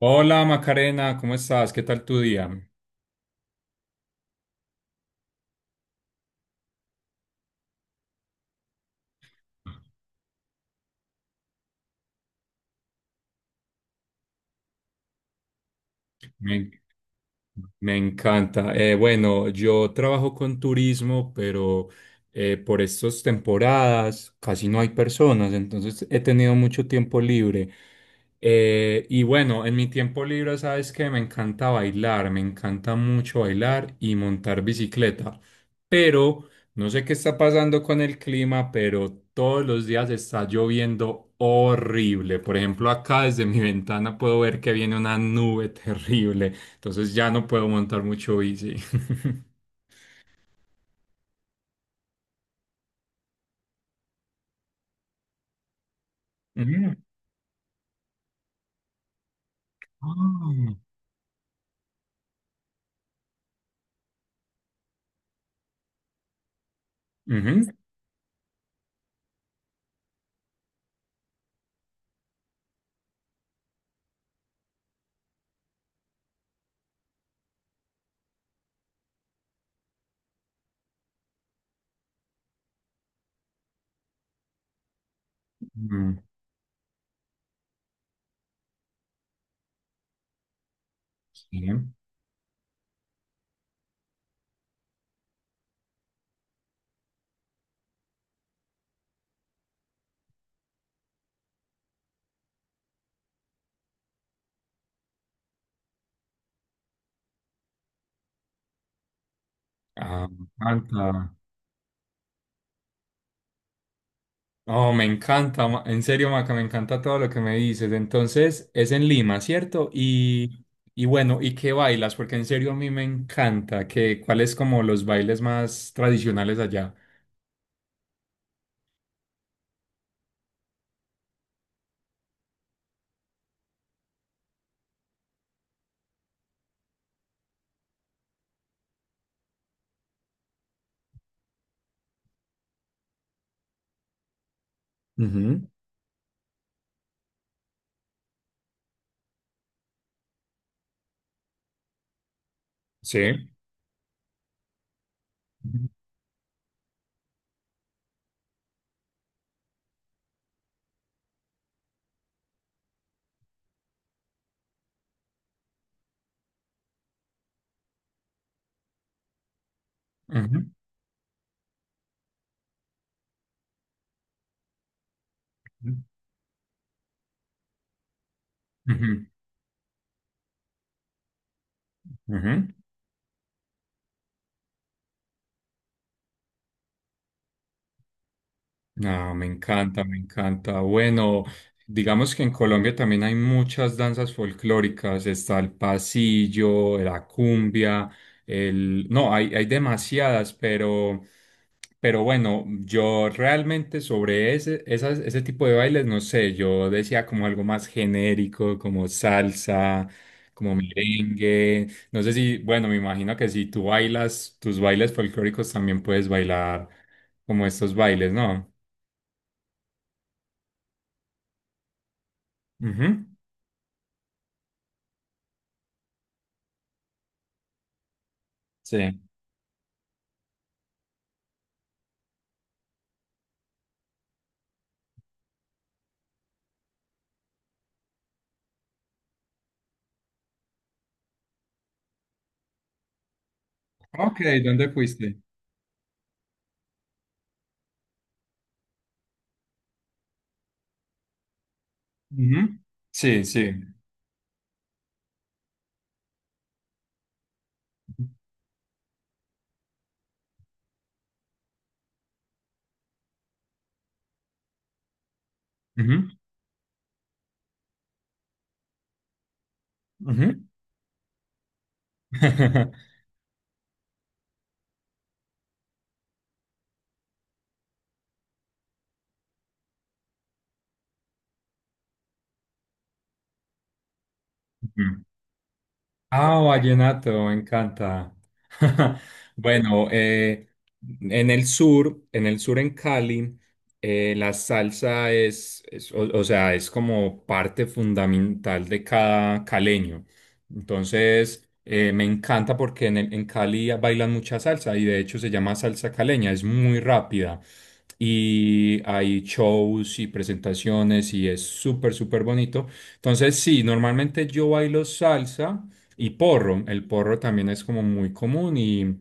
Hola Macarena, ¿cómo estás? ¿Qué tal tu día? Bien. Me encanta. Bueno, yo trabajo con turismo, pero por estas temporadas casi no hay personas, entonces he tenido mucho tiempo libre. Y bueno, en mi tiempo libre, sabes que me encanta bailar, me encanta mucho bailar y montar bicicleta, pero no sé qué está pasando con el clima, pero todos los días está lloviendo horrible. Por ejemplo, acá desde mi ventana puedo ver que viene una nube terrible. Entonces ya no puedo montar mucho bici. Mm. Ah. Ujú. Mm, sí. Ah, me encanta. Oh, me encanta. En serio, Maca, me encanta todo lo que me dices. Entonces, es en Lima, ¿cierto? Y bueno, ¿y qué bailas? Porque en serio a mí me encanta. Que, ¿cuáles como los bailes más tradicionales allá? Ujú. Sí. Ujú. Ujú. Ujú. Ujú. Ah, me encanta, me encanta. Bueno, digamos que en Colombia también hay muchas danzas folclóricas. Está el pasillo, la cumbia, el... No, hay demasiadas, pero bueno, yo realmente sobre ese tipo de bailes, no sé, yo decía como algo más genérico, como salsa, como merengue. No sé si, bueno, me imagino que si tú bailas tus bailes folclóricos, también puedes bailar como estos bailes, ¿no? Ujú, sí. Ok, ¿dónde fuiste? Ujú, sí, sí. Ujú, ujú. Ah, vallenato, me encanta. Bueno, en el sur, en el sur, en Cali, la salsa o sea, es como parte fundamental de cada caleño. Entonces, me encanta porque en Cali bailan mucha salsa y de hecho se llama salsa caleña, es muy rápida. Y hay shows y presentaciones y es súper, súper bonito. Entonces, sí, normalmente yo bailo salsa. Y porro, el porro también es como muy común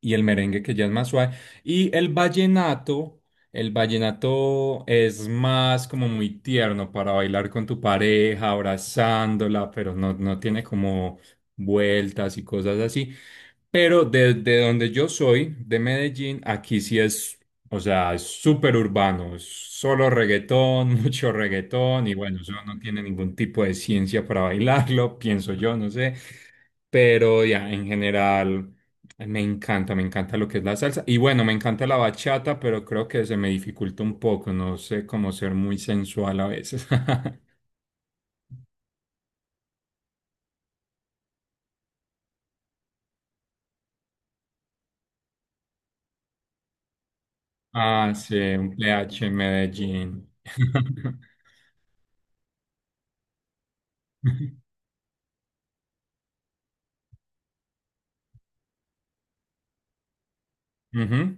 y el merengue que ya es más suave. Y el vallenato es más como muy tierno para bailar con tu pareja, abrazándola, pero no, no tiene como vueltas y cosas así. Pero desde donde yo soy, de Medellín, aquí sí es, o sea, es súper urbano, es solo reggaetón, mucho reggaetón, y bueno, eso no tiene ningún tipo de ciencia para bailarlo, pienso yo, no sé. Pero ya, en general, me encanta lo que es la salsa. Y bueno, me encanta la bachata, pero creo que se me dificulta un poco, no sé cómo ser muy sensual a veces. Ah, sí, un PH en Medellín. Ujú.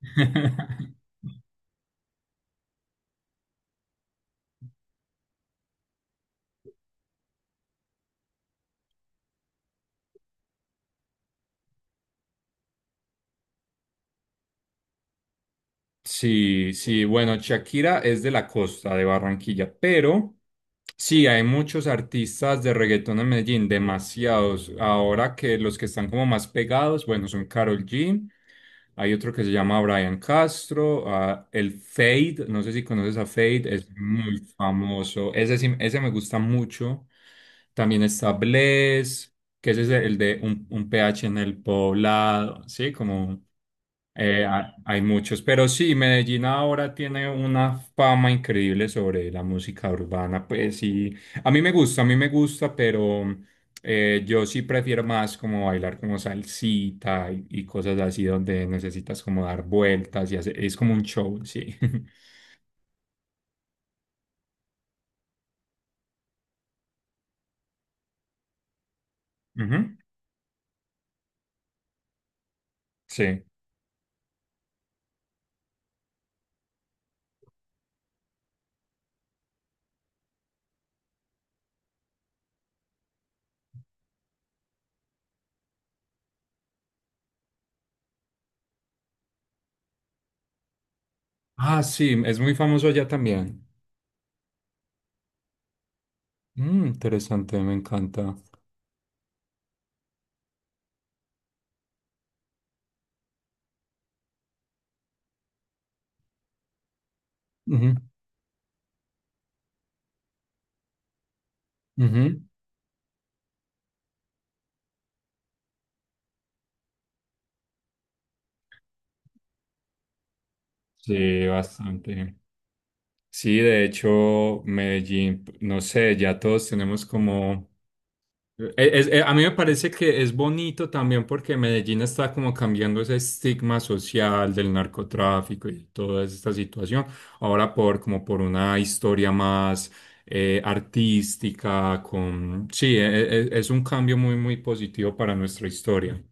Sí, sí, bueno, Shakira es de la costa de Barranquilla, pero sí, hay muchos artistas de reggaetón en Medellín, demasiados. Ahora que los que están como más pegados, bueno, son Karol G, hay otro que se llama Brian Castro, ah, el Fade, no sé si conoces a Fade, es muy famoso, ese, ese me gusta mucho. También está Bless, que ese es el de un PH en el poblado, sí, como... Hay muchos, pero sí, Medellín ahora tiene una fama increíble sobre la música urbana, pues sí, a mí me gusta, a mí me gusta, pero yo sí prefiero más como bailar como salsita y cosas así donde necesitas como dar vueltas y hacer, es como un show, sí. Ujú, sí. Ah, sí, es muy famoso allá también. Mm, interesante, me encanta. Ujú, ujú. Sí, bastante. Sí, de hecho, Medellín, no sé, ya todos tenemos como... a mí me parece que es bonito también porque Medellín está como cambiando ese estigma social del narcotráfico y toda esta situación, ahora por como por una historia más artística, con... Sí, es un cambio muy, muy positivo para nuestra historia.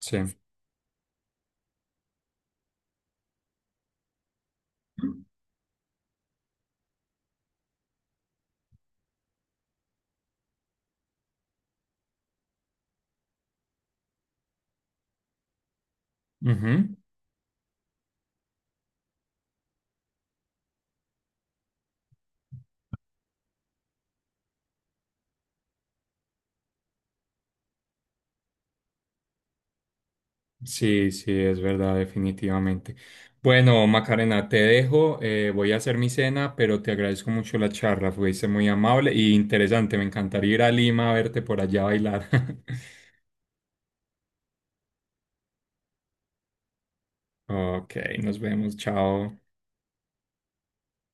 Sí. Ujú. Sí, sí, es verdad, definitivamente. Bueno, Macarena, te dejo, voy a hacer mi cena, pero te agradezco mucho la charla, fuiste muy amable y interesante, me encantaría ir a Lima a verte por allá bailar. Ok, nos vemos, chao.